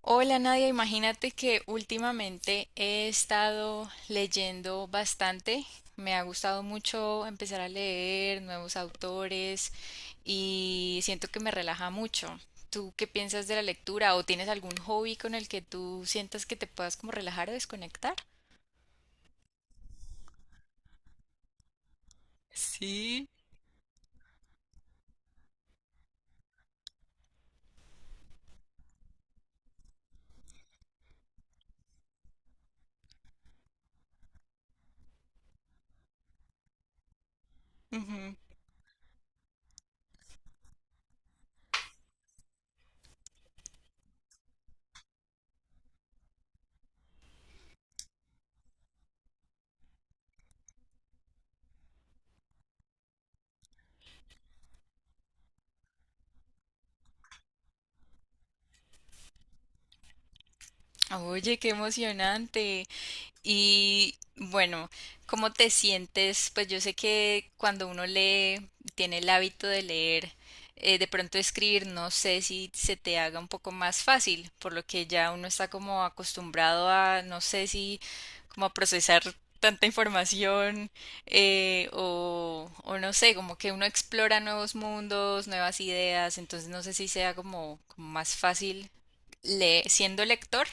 Hola Nadia, imagínate que últimamente he estado leyendo bastante. Me ha gustado mucho empezar a leer nuevos autores y siento que me relaja mucho. ¿Tú qué piensas de la lectura o tienes algún hobby con el que tú sientas que te puedas como relajar o desconectar? Sí, ujú. Oye, qué emocionante. Y bueno, ¿cómo te sientes? Pues yo sé que cuando uno lee, tiene el hábito de leer, de pronto escribir, no sé si se te haga un poco más fácil, por lo que ya uno está como acostumbrado a, no sé si, como a procesar tanta información o no sé, como que uno explora nuevos mundos, nuevas ideas. Entonces no sé si sea como, más fácil le siendo lector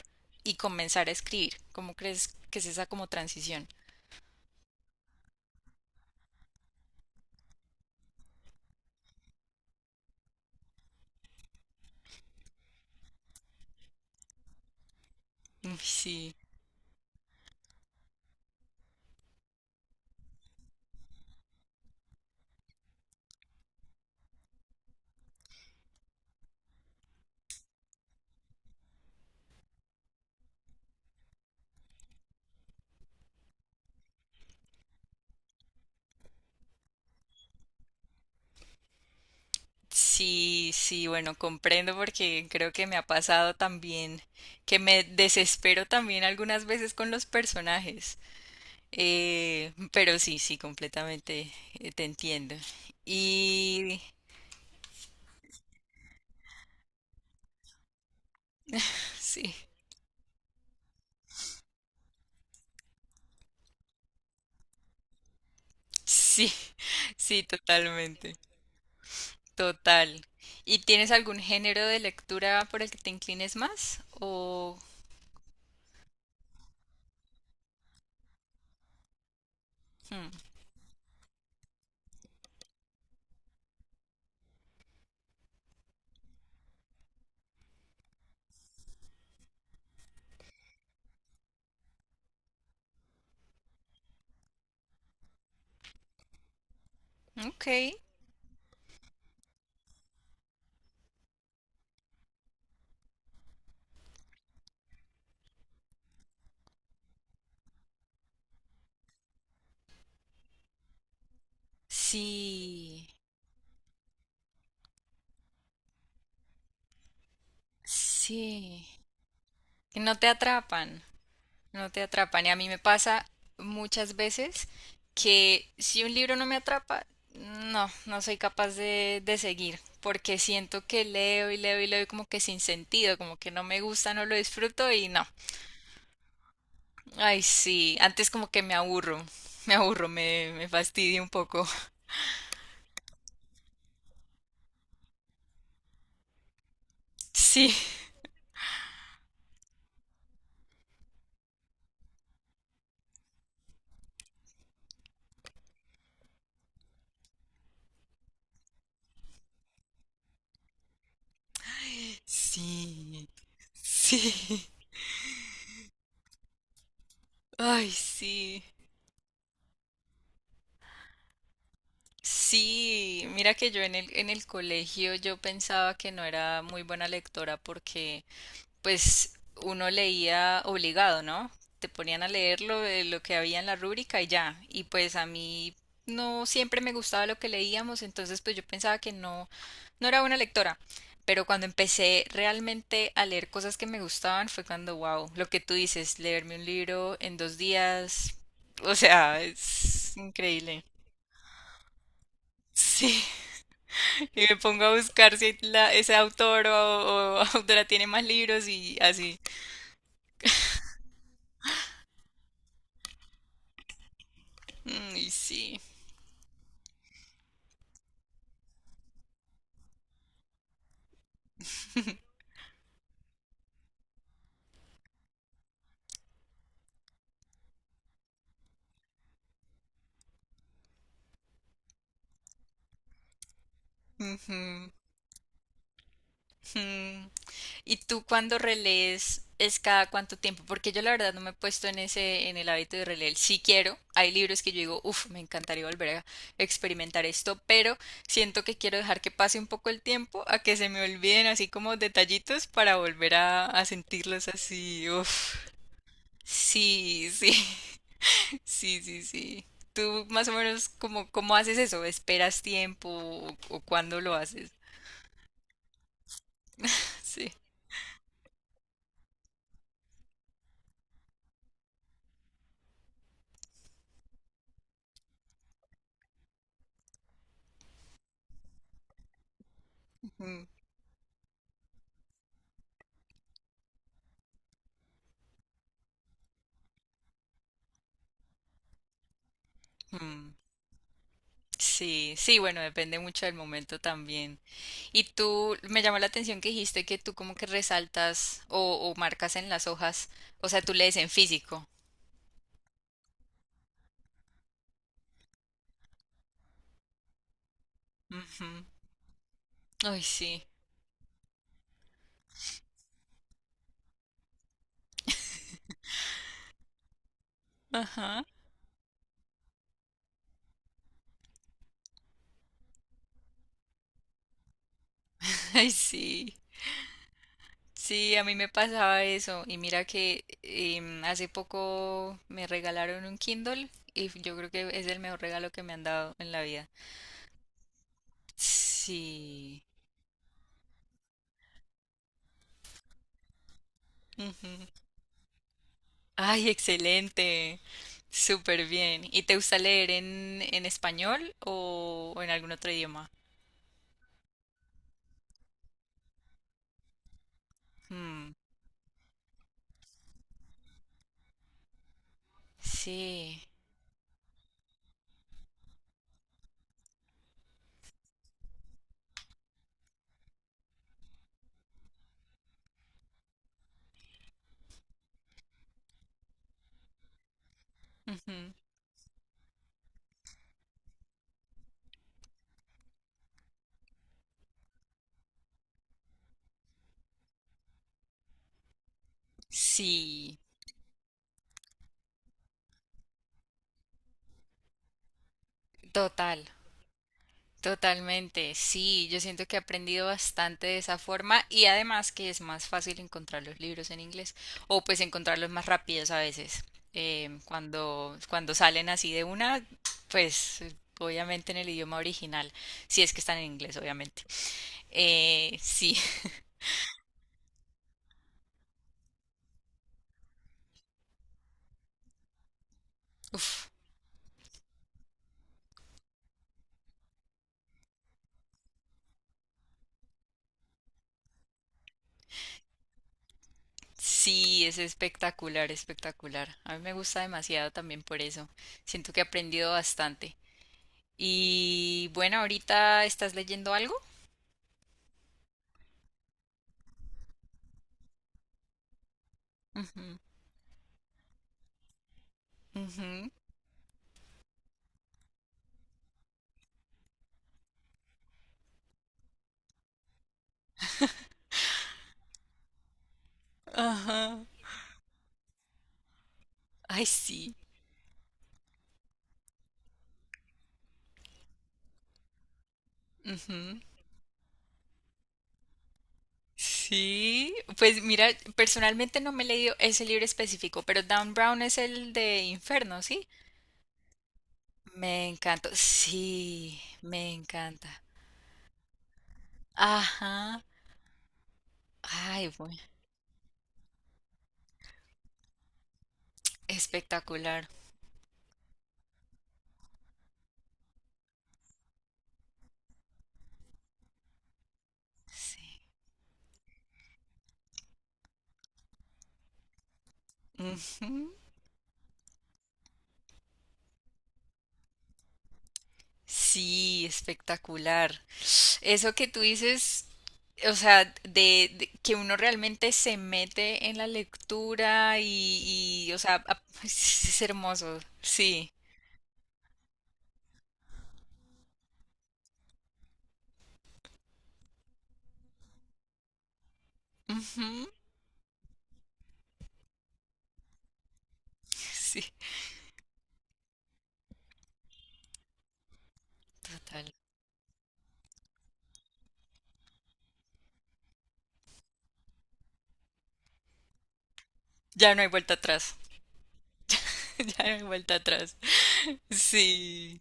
y comenzar a escribir. ¿Cómo crees que es esa como transición? Uy, sí, sí, sí, bueno, comprendo porque creo que me ha pasado también que me desespero también algunas veces con los personajes. Pero sí, sí, completamente, te entiendo. Y sí, sí, sí, totalmente, total. ¿Y tienes algún género de lectura por el que te inclines más? Hmm, ok, sí. Sí, que no te atrapan, no te atrapan. Y a mí me pasa muchas veces que si un libro no me atrapa, no, no soy capaz de seguir, porque siento que leo y leo y leo y como que sin sentido, como que no me gusta, no lo disfruto y no. Ay, sí, antes como que me aburro, me aburro, me fastidio un poco. Sí, sí, sí. Ay, sí. Sí, mira que yo en el colegio yo pensaba que no era muy buena lectora porque pues uno leía obligado, ¿no? Te ponían a leer lo, de lo que había en la rúbrica y ya. Y pues a mí no siempre me gustaba lo que leíamos, entonces pues yo pensaba que no, no era buena lectora. Pero cuando empecé realmente a leer cosas que me gustaban fue cuando, wow, lo que tú dices, leerme un libro en dos días, o sea, es increíble. Sí. Y me pongo a buscar si ese autor o autora tiene más libros y así. Mm, y sí. Ujú, ujú. ¿Y tú cuando relees es cada cuánto tiempo? Porque yo la verdad no me he puesto en ese, en el hábito de releer. Sí quiero. Hay libros que yo digo, uff, me encantaría volver a experimentar esto, pero siento que quiero dejar que pase un poco el tiempo a que se me olviden así como detallitos para volver a sentirlos así. Uff. Sí, sí. Sí, sí, sí. ¿Tú más o menos cómo haces eso? ¿Esperas tiempo o cuándo lo haces? Sí. Ujú. Mm. Sí, sí, bueno, depende mucho del momento también. Y tú, me llamó la atención que dijiste que tú como que resaltas o marcas en las hojas, o sea, tú lees en físico. Ujú. Ay, sí. Ajá. Ay, sí. Sí, a mí me pasaba eso. Y mira que hace poco me regalaron un Kindle y yo creo que es el mejor regalo que me han dado en la vida. Sí. Ujú. Ay, excelente. Súper bien. ¿Y te gusta leer en español o en algún otro idioma? Mm, sí. Ujú. Sí. Total. Totalmente, sí, yo siento que he aprendido bastante de esa forma y además que es más fácil encontrar los libros en inglés o pues encontrarlos más rápidos a veces. Cuando salen así de una, pues obviamente en el idioma original, si es que están en inglés, obviamente. Sí, uf, sí, es espectacular, espectacular. A mí me gusta demasiado también por eso. Siento que he aprendido bastante. Y bueno, ahorita estás leyendo algo. Ujú, ujú. Ajá. Ay, sí. Ujú. Sí. Pues mira, personalmente no me he leído ese libro específico, pero Dan Brown es el de Inferno, ¿sí? Me encanta. Sí, me encanta. Ajá. Ay, bueno. Espectacular. Sí. Ujú. Sí, espectacular. Eso que tú dices, o sea, de que uno realmente se mete en la lectura o sea, es, hermoso. Sí. Ujú, sí, total. Ya no hay vuelta atrás. Ya no hay vuelta atrás. Sí.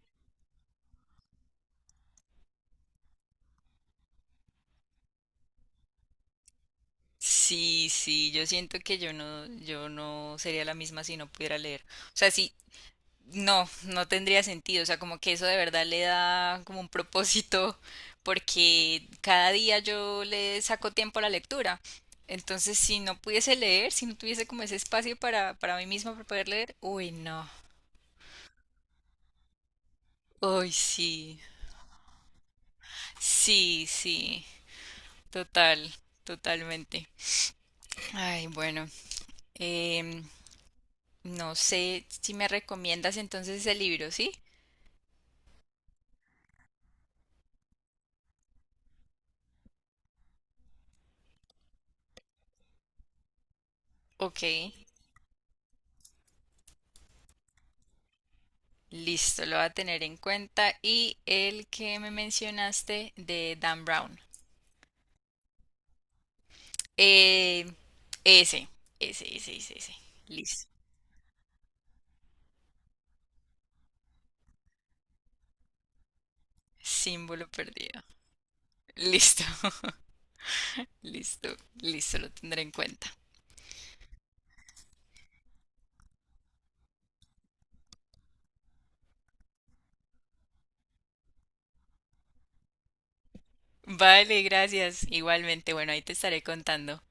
Sí, sí, yo siento que yo no sería la misma si no pudiera leer. O sea, si, no, no tendría sentido, o sea, como que eso de verdad le da como un propósito, porque cada día yo le saco tiempo a la lectura. Entonces, si no pudiese leer, si no tuviese como ese espacio para mí misma para poder leer, uy, no. Uy, sí. Sí, sí. Total, totalmente. Ay, bueno. em, no sé si me recomiendas entonces ese libro, ¿sí? Ok. Listo, lo voy a tener en cuenta. Y el que me mencionaste de Dan Brown. Eh, ese, ese, ese, ese, ese. Listo. Símbolo perdido. Listo, listo, listo, lo tendré en cuenta. Vale, gracias. Igualmente, bueno, ahí te estaré contando.